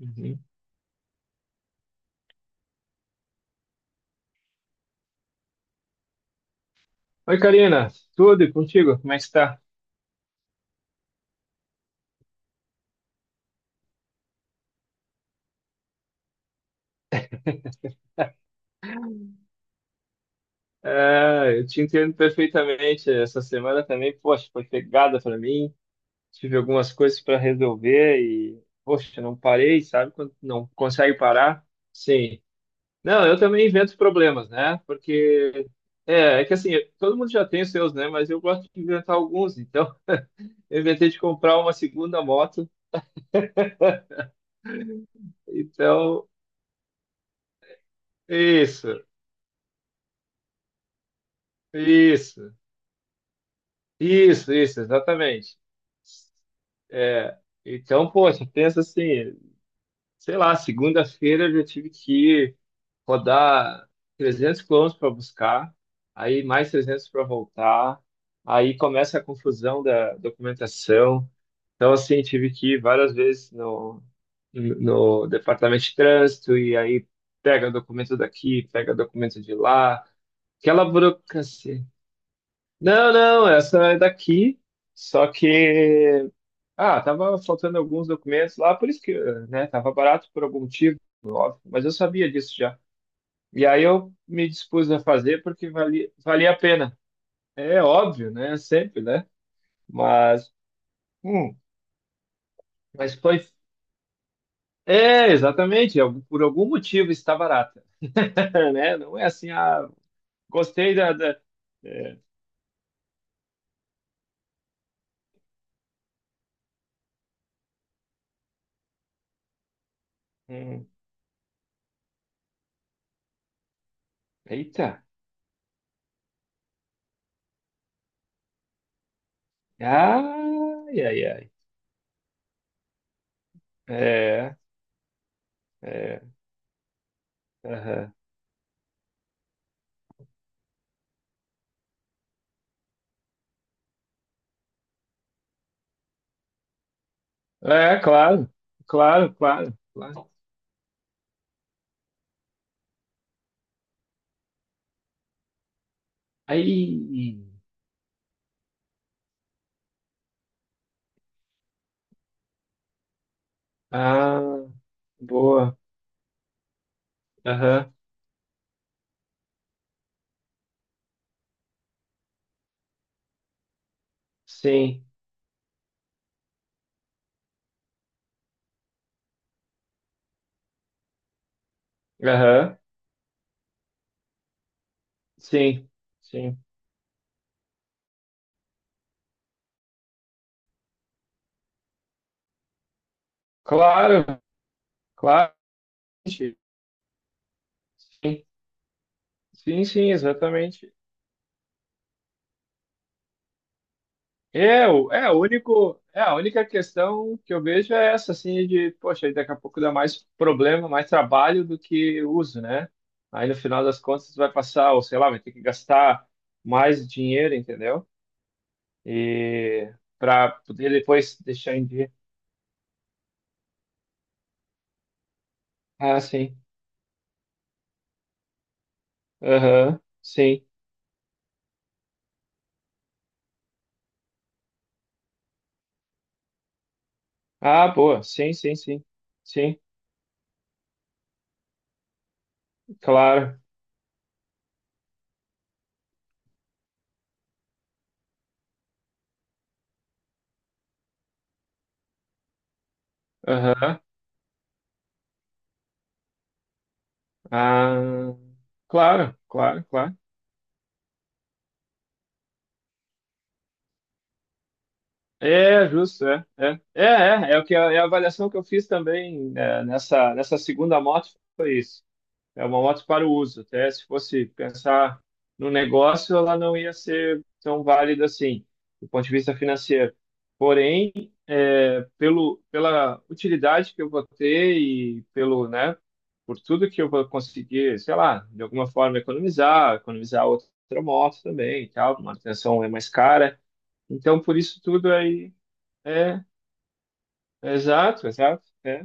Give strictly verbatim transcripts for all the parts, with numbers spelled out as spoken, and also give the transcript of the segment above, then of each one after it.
Uhum. Oi, Karina, tudo e contigo? Como é que está? Ah, eu te entendo perfeitamente. Essa semana também, poxa, foi pegada para mim. Tive algumas coisas para resolver e, poxa, não parei, sabe? Quando não consegue parar. Sim. Não, eu também invento problemas, né? Porque é, é que assim, todo mundo já tem os seus, né? Mas eu gosto de inventar alguns. Então, eu inventei de comprar uma segunda moto. Então, isso, isso, isso, isso, exatamente. É, então, poxa, pensa assim, sei lá, segunda-feira eu já tive que rodar trezentos quilômetros para buscar, aí mais trezentos para voltar, aí começa a confusão da documentação. Então, assim, tive que ir várias vezes no, no departamento de trânsito, e aí pega documento daqui, pega documento de lá, aquela burocracia. Não, não, essa é daqui, só que ah, tava faltando alguns documentos lá, por isso que, né, tava barato por algum motivo, óbvio, mas eu sabia disso já. E aí eu me dispus a fazer porque valia, valia a pena. É óbvio, né, sempre, né? Mas, hum, mas foi, é, exatamente, algum- por algum motivo está barata, né? Não é assim, ah, gostei da, da- é, hum, eita, ai, ai, ai, é, é, aham. É, claro, claro, claro, claro. Aí. Ah, boa. Aham. Sim. Aham. Sim. Sim. Claro, claro. Sim, sim, sim, exatamente. É, o- é, o único, é a única questão que eu vejo é essa, assim, de, poxa, daqui a pouco dá mais problema, mais trabalho do que uso, né? Aí no final das contas vai passar, ou sei lá, vai ter que gastar mais dinheiro, entendeu? E para poder depois deixar em dia. Ah, sim. Aham, sim. Ah, boa. Sim, sim, sim. Sim, claro. Aham. Ah, claro, claro, claro. É, justo, é, é. É, é, é o que a, é a avaliação que eu fiz também, é, nessa, nessa segunda moto, foi isso. É uma moto para o uso. Até se fosse pensar no negócio, ela não ia ser tão válida assim, do ponto de vista financeiro. Porém, é, pelo, pela utilidade que eu vou ter e pelo, né, por tudo que eu vou conseguir, sei lá, de alguma forma economizar, economizar outra moto também e tal, manutenção é mais cara. Então, por isso tudo aí é, é, exato, exato. É.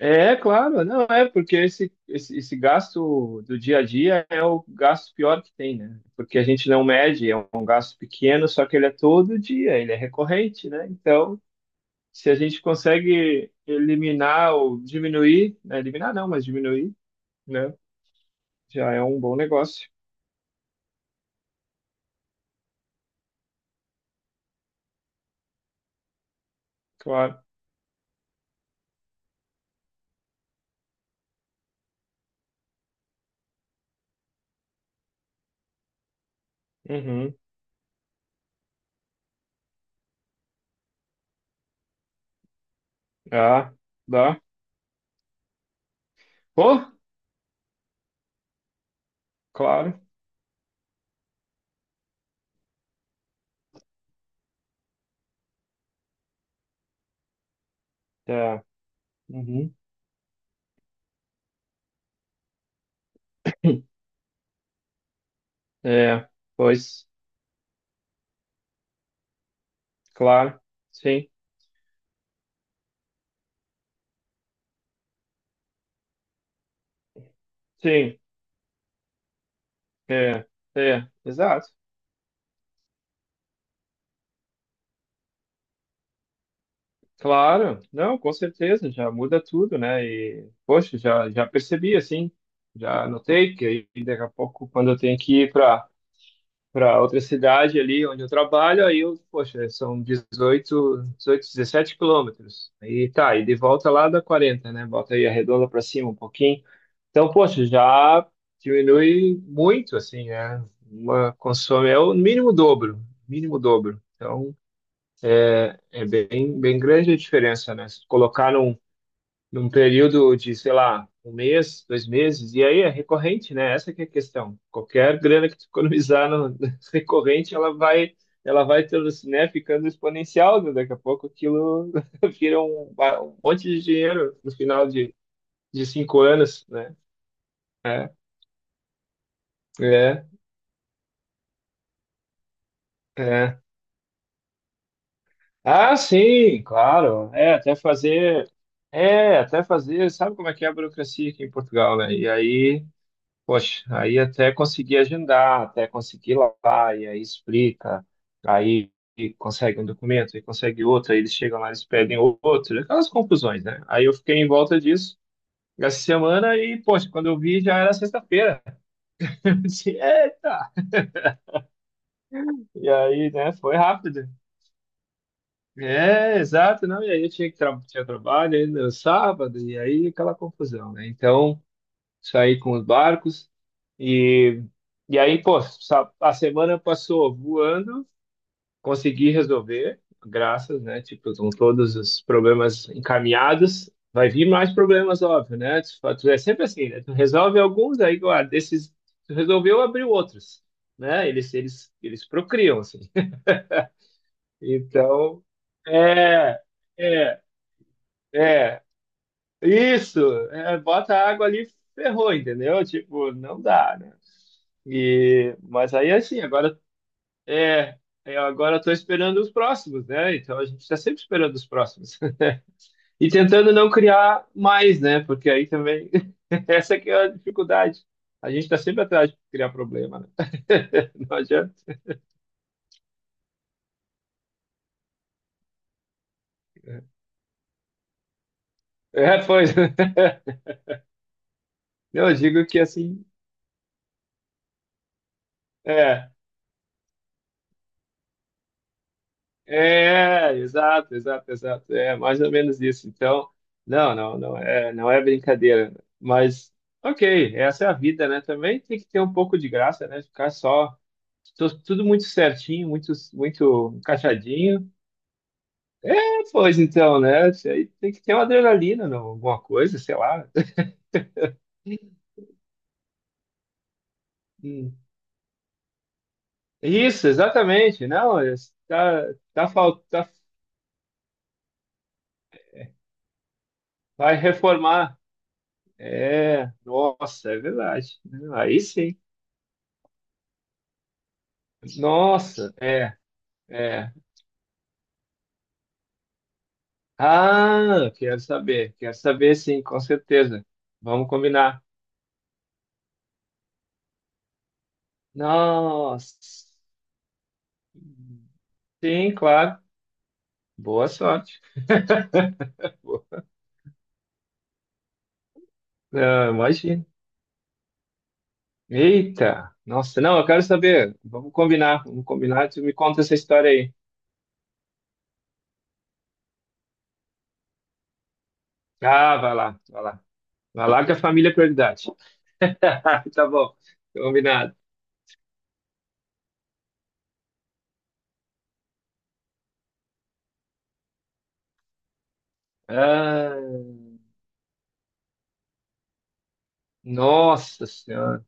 É, claro, não é, porque esse, esse, esse gasto do dia a dia é o gasto pior que tem, né? Porque a gente não mede, é um gasto pequeno, só que ele é todo dia, ele é recorrente, né? Então, se a gente consegue eliminar ou diminuir, né? Eliminar não, mas diminuir, né? Já é um bom negócio, claro. Uhum. Ah, dá. Pô, claro. Tá. Uhum. É, pois, claro. Sim, sim, é, é, exato. Claro, não, com certeza, já muda tudo, né? E, poxa, já, já, percebi, assim, já notei que aí daqui a pouco, quando eu tenho que ir para para outra cidade ali onde eu trabalho, aí eu, poxa, são dezoito, dezoito, dezessete quilômetros. Aí tá, e de volta lá dá quarenta, né? Bota aí a redonda para cima um pouquinho. Então, poxa, já diminui muito, assim, né? Uma consome, é o mínimo dobro, mínimo dobro. Então, é bem, bem grande a diferença, né? Se colocar num num período de, sei lá, um mês, dois meses, e aí é recorrente, né? Essa que é a questão. Qualquer grana que tu economizar no recorrente, ela vai, ela vai tendo, né, ficando exponencial, né? Daqui a pouco aquilo vira um, um monte de dinheiro no final de, de cinco anos, né? É, é, é. Ah, sim, claro. É, até fazer. É, até fazer. Sabe como é que é a burocracia aqui em Portugal, né? E aí, poxa, aí até conseguir agendar, até conseguir lá, lá, e aí explica, aí consegue um documento, aí consegue outro, aí eles chegam lá, eles pedem outro, aquelas confusões, né? Aí eu fiquei em volta disso essa semana e, poxa, quando eu vi já era sexta-feira. Eu disse, Eita! E aí, né, foi rápido. É, exato, não, e aí eu tinha que tra tinha trabalho ainda no sábado, e aí aquela confusão, né? Então, saí com os barcos e, e aí, pô, sa- a semana passou voando, consegui resolver, graças, né? Tipo, estão todos os problemas encaminhados. Vai vir mais problemas, óbvio, né? Tu fa- tu é sempre assim, né? Tu resolve alguns, aí, guarda, esses, tu resolveu, abriu outros, né? Eles, eles, eles procriam, assim. Então, é, é, é. Isso, é, bota água ali, ferrou, entendeu? Tipo, não dá, né? E, mas aí assim, agora é, eu agora estou esperando os próximos, né? Então a gente está sempre esperando os próximos e tentando não criar mais, né? Porque aí também essa que é a dificuldade. A gente está sempre atrás de criar problema, né? Não adianta. É, pois. Não, eu digo que assim, é. É, exato, exato, exato. É mais ou menos isso. Então, não, não, não é, não é brincadeira. Mas, ok, essa é a vida, né? Também tem que ter um pouco de graça, né? Ficar só tu- tudo muito certinho, muito, muito encaixadinho. É, pois então, né? Isso aí tem que ter uma adrenalina, não, alguma coisa, sei lá. Hum. Isso, exatamente. Não, isso tá, tá, fal- tá, vai reformar. É, nossa, é verdade, né? Aí sim. Nossa, é, é. Ah, quero saber, quero saber sim, com certeza. Vamos combinar. Nossa. Sim, claro. Boa sorte. Ah, imagina. Eita, nossa, não, eu quero saber. Vamos combinar, vamos combinar. Tu me conta essa história aí. Ah, vai lá, vai lá. Vai lá que a família é prioridade. Tá bom, combinado. Ah, nossa senhora.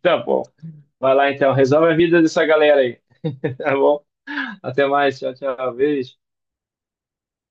Tá bom. Vai lá então, resolve a vida dessa galera aí. Tá bom? Até mais, tchau, tchau, beijo.